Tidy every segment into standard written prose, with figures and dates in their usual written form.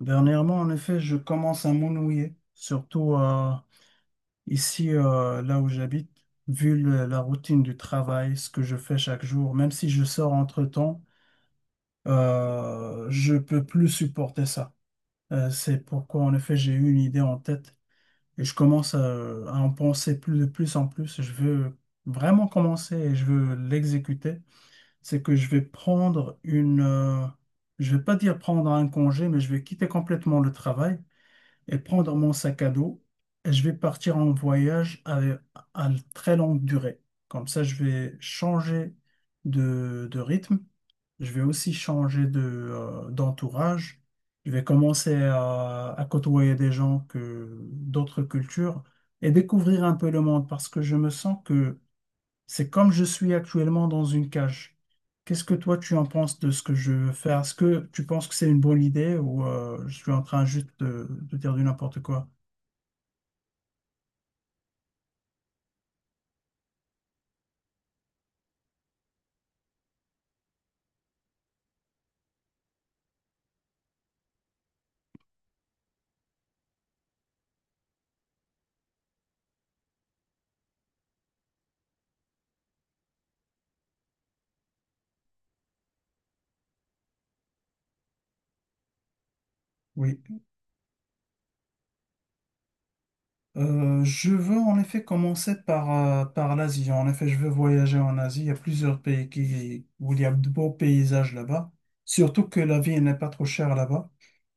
Dernièrement, en effet, je commence à m'ennuyer, surtout ici, là où j'habite, vu la routine du travail, ce que je fais chaque jour, même si je sors entre-temps, je peux plus supporter ça. C'est pourquoi, en effet, j'ai eu une idée en tête et je commence à en penser plus de plus en plus. Je veux vraiment commencer et je veux l'exécuter. C'est que je vais prendre je vais pas dire prendre un congé, mais je vais quitter complètement le travail et prendre mon sac à dos. Et je vais partir en voyage à très longue durée. Comme ça, je vais changer de rythme. Je vais aussi changer d'entourage. Je vais commencer à côtoyer des gens que d'autres cultures et découvrir un peu le monde parce que je me sens que c'est comme je suis actuellement dans une cage. Qu'est-ce que toi tu en penses de ce que je veux faire? Est-ce que tu penses que c'est une bonne idée ou je suis en train juste de dire du n'importe quoi? Oui. Je veux en effet commencer par l'Asie. En effet, je veux voyager en Asie. Il y a plusieurs pays qui, où il y a de beaux paysages là-bas. Surtout que la vie n'est pas trop chère là-bas.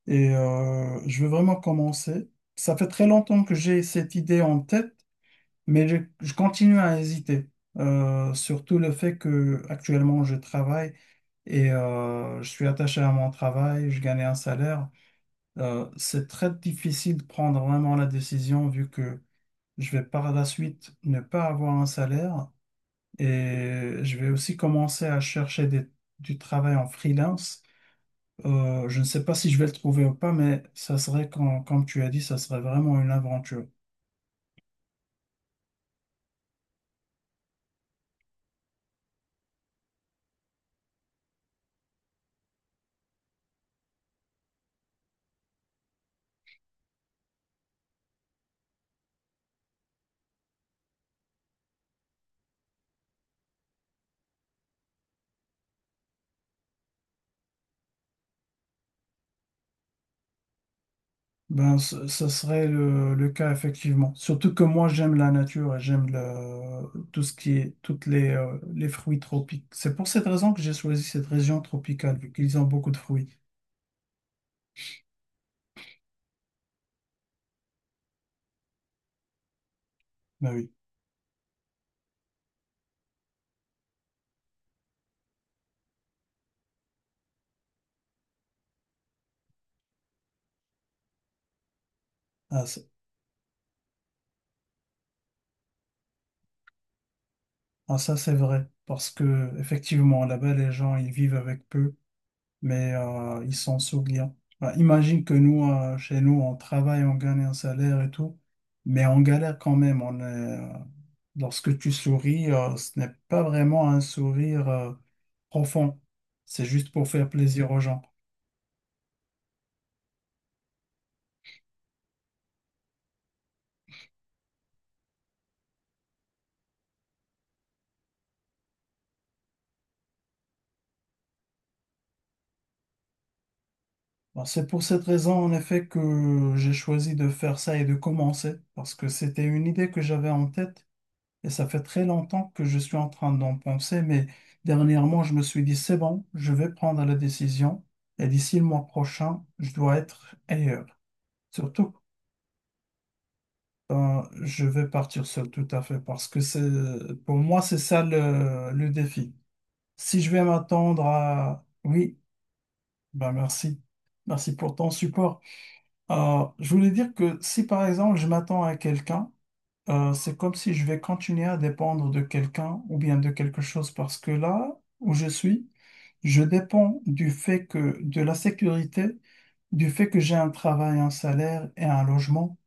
Je veux vraiment commencer. Ça fait très longtemps que j'ai cette idée en tête. Mais je continue à hésiter. Surtout le fait que actuellement je travaille et je suis attaché à mon travail, je gagne un salaire. C'est très difficile de prendre vraiment la décision vu que je vais par la suite ne pas avoir un salaire et je vais aussi commencer à chercher du travail en freelance. Je ne sais pas si je vais le trouver ou pas, mais ça serait, comme tu as dit, ça serait vraiment une aventure. Ben, ce serait le cas effectivement. Surtout que moi, j'aime la nature et j'aime tout ce qui est, les fruits tropiques. C'est pour cette raison que j'ai choisi cette région tropicale, vu qu'ils ont beaucoup de fruits. Ben oui, ah, c'est- ah, ça c'est vrai. Parce que effectivement, là-bas, les gens, ils vivent avec peu. Mais ils s'en souviennent. Bah, imagine que nous, chez nous, on travaille, on gagne un salaire et tout, mais on galère quand même. Lorsque tu souris, ce n'est pas vraiment un sourire profond. C'est juste pour faire plaisir aux gens. Bon, c'est pour cette raison, en effet, que j'ai choisi de faire ça et de commencer, parce que c'était une idée que j'avais en tête. Et ça fait très longtemps que je suis en train d'en penser, mais dernièrement, je me suis dit, c'est bon, je vais prendre la décision et d'ici le mois prochain, je dois être ailleurs. Surtout, je vais partir seul tout à fait parce que c'est, pour moi, c'est ça le défi. Si je vais m'attendre à... Oui, ben merci. Merci pour ton support. Je voulais dire que si par exemple, je m'attends à quelqu'un, c'est comme si je vais continuer à dépendre de quelqu'un ou bien de quelque chose parce que là où je suis, je dépends du fait que de la sécurité, du fait que j'ai un travail, un salaire et un logement.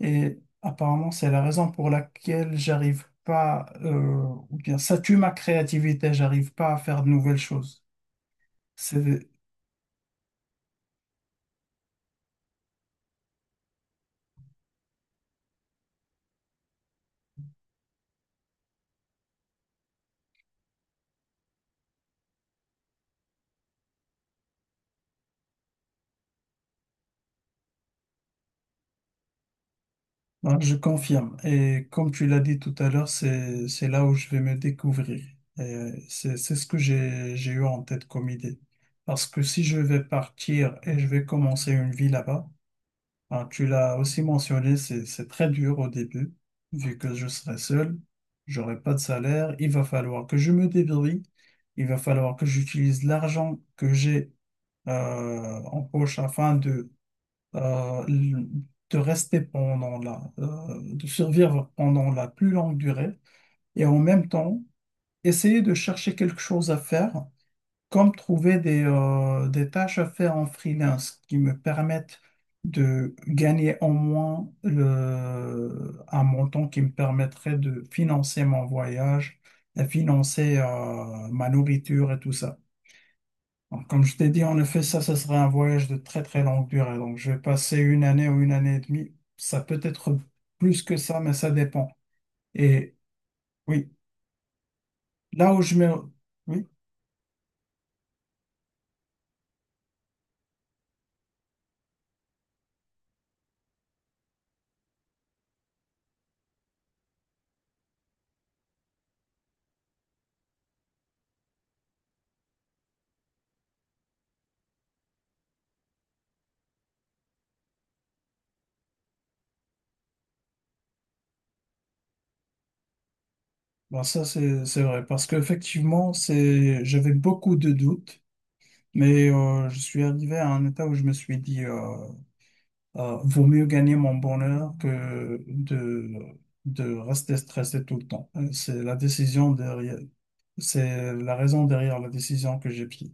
Et apparemment, c'est la raison pour laquelle j'arrive pas, ou bien ça tue ma créativité, j'arrive pas à faire de nouvelles choses. C'est non, je confirme. Et comme tu l'as dit tout à l'heure, c'est là où je vais me découvrir. Et c'est ce que j'ai eu en tête comme idée. Parce que si je vais partir et je vais commencer une vie là-bas, hein, tu l'as aussi mentionné, c'est très dur au début, vu que je serai seul, j'aurai pas de salaire, il va falloir que je me débrouille, il va falloir que j'utilise l'argent que j'ai en poche afin euh, de rester pendant de survivre pendant la plus longue durée et en même temps essayer de chercher quelque chose à faire, comme trouver des tâches à faire en freelance qui me permettent de gagner au moins un montant qui me permettrait de financer mon voyage, de financer, ma nourriture et tout ça. Donc, comme je t'ai dit, en effet, ça serait un voyage de très très longue durée. Donc, je vais passer une année ou une année et demie. Ça peut être plus que ça, mais ça dépend. Et oui, là où je mets... Oui, ben ça c'est vrai. Parce qu'effectivement, c'est... j'avais beaucoup de doutes, mais je suis arrivé à un état où je me suis dit, vaut mieux gagner mon bonheur que de rester stressé tout le temps. C'est la décision derrière... C'est la raison derrière la décision que j'ai prise.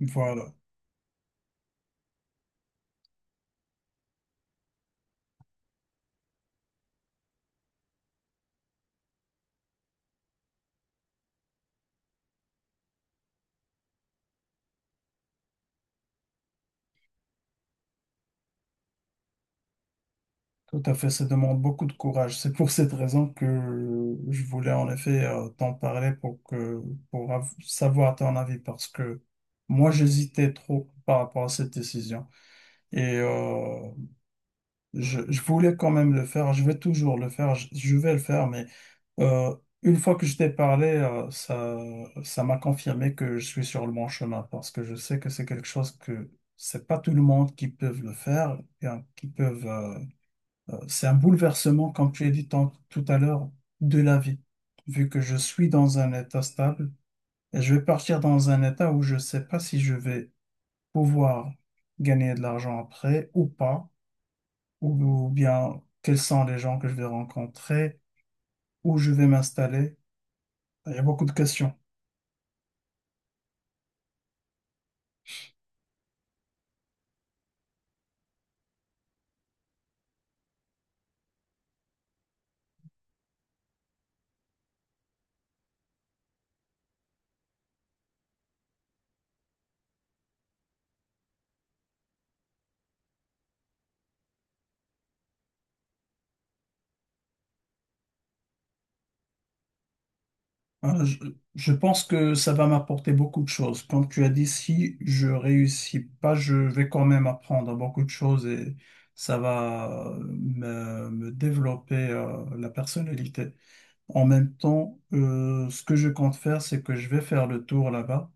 Voilà, tout à fait, ça demande beaucoup de courage. C'est pour cette raison que je voulais en effet t'en parler pour que pour savoir ton avis parce que moi j'hésitais trop par rapport à cette décision et je voulais quand même le faire. Je vais toujours le faire, je vais le faire, mais euh, une fois que je t'ai parlé, ça ça m'a confirmé que je suis sur le bon chemin parce que je sais que c'est quelque chose que c'est pas tout le monde qui peut le faire, hein, qui peuvent c'est un bouleversement, comme tu as dit tout à l'heure, de la vie, vu que je suis dans un état stable et je vais partir dans un état où je ne sais pas si je vais pouvoir gagner de l'argent après ou pas, ou bien quels sont les gens que je vais rencontrer, où je vais m'installer. Il y a beaucoup de questions. Euh, Je, je pense que ça va m'apporter beaucoup de choses. Comme tu as dit, si je réussis pas, je vais quand même apprendre beaucoup de choses et ça va me développer la personnalité. En même temps, ce que je compte faire, c'est que je vais faire le tour là-bas.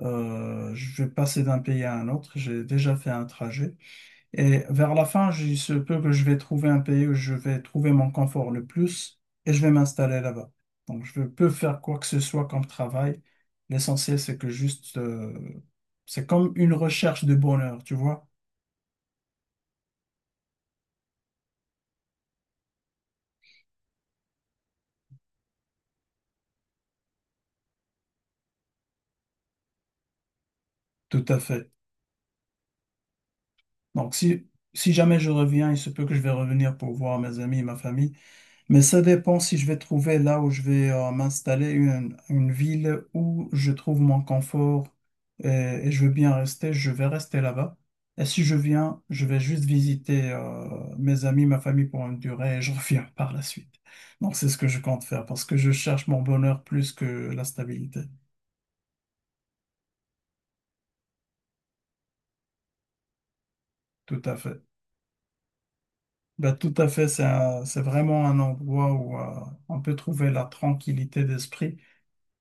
Je vais passer d'un pays à un autre. J'ai déjà fait un trajet. Et vers la fin, il se peut que je vais trouver un pays où je vais trouver mon confort le plus et je vais m'installer là-bas. Donc, je peux faire quoi que ce soit comme travail. L'essentiel, c'est que juste, c'est comme une recherche de bonheur, tu vois? Tout à fait. Donc, si jamais je reviens, il se peut que je vais revenir pour voir mes amis et ma famille. Mais ça dépend si je vais trouver là où je vais m'installer une ville où je trouve mon confort et, et je veux bien rester, je vais rester là-bas. Et si je viens, je vais juste visiter mes amis, ma famille pour une durée et je reviens par la suite. Donc c'est ce que je compte faire parce que je cherche mon bonheur plus que la stabilité. Tout à fait. Bah, tout à fait, c'est vraiment un endroit où on peut trouver la tranquillité d'esprit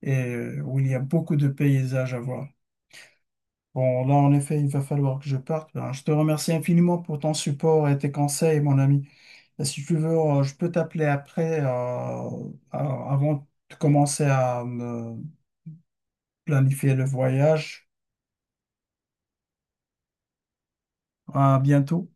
où il y a beaucoup de paysages à voir. Bon, là, en effet, il va falloir que je parte. Ben, je te remercie infiniment pour ton support et tes conseils, mon ami. Et si tu veux, je peux t'appeler après, avant de commencer à me planifier le voyage. À bientôt.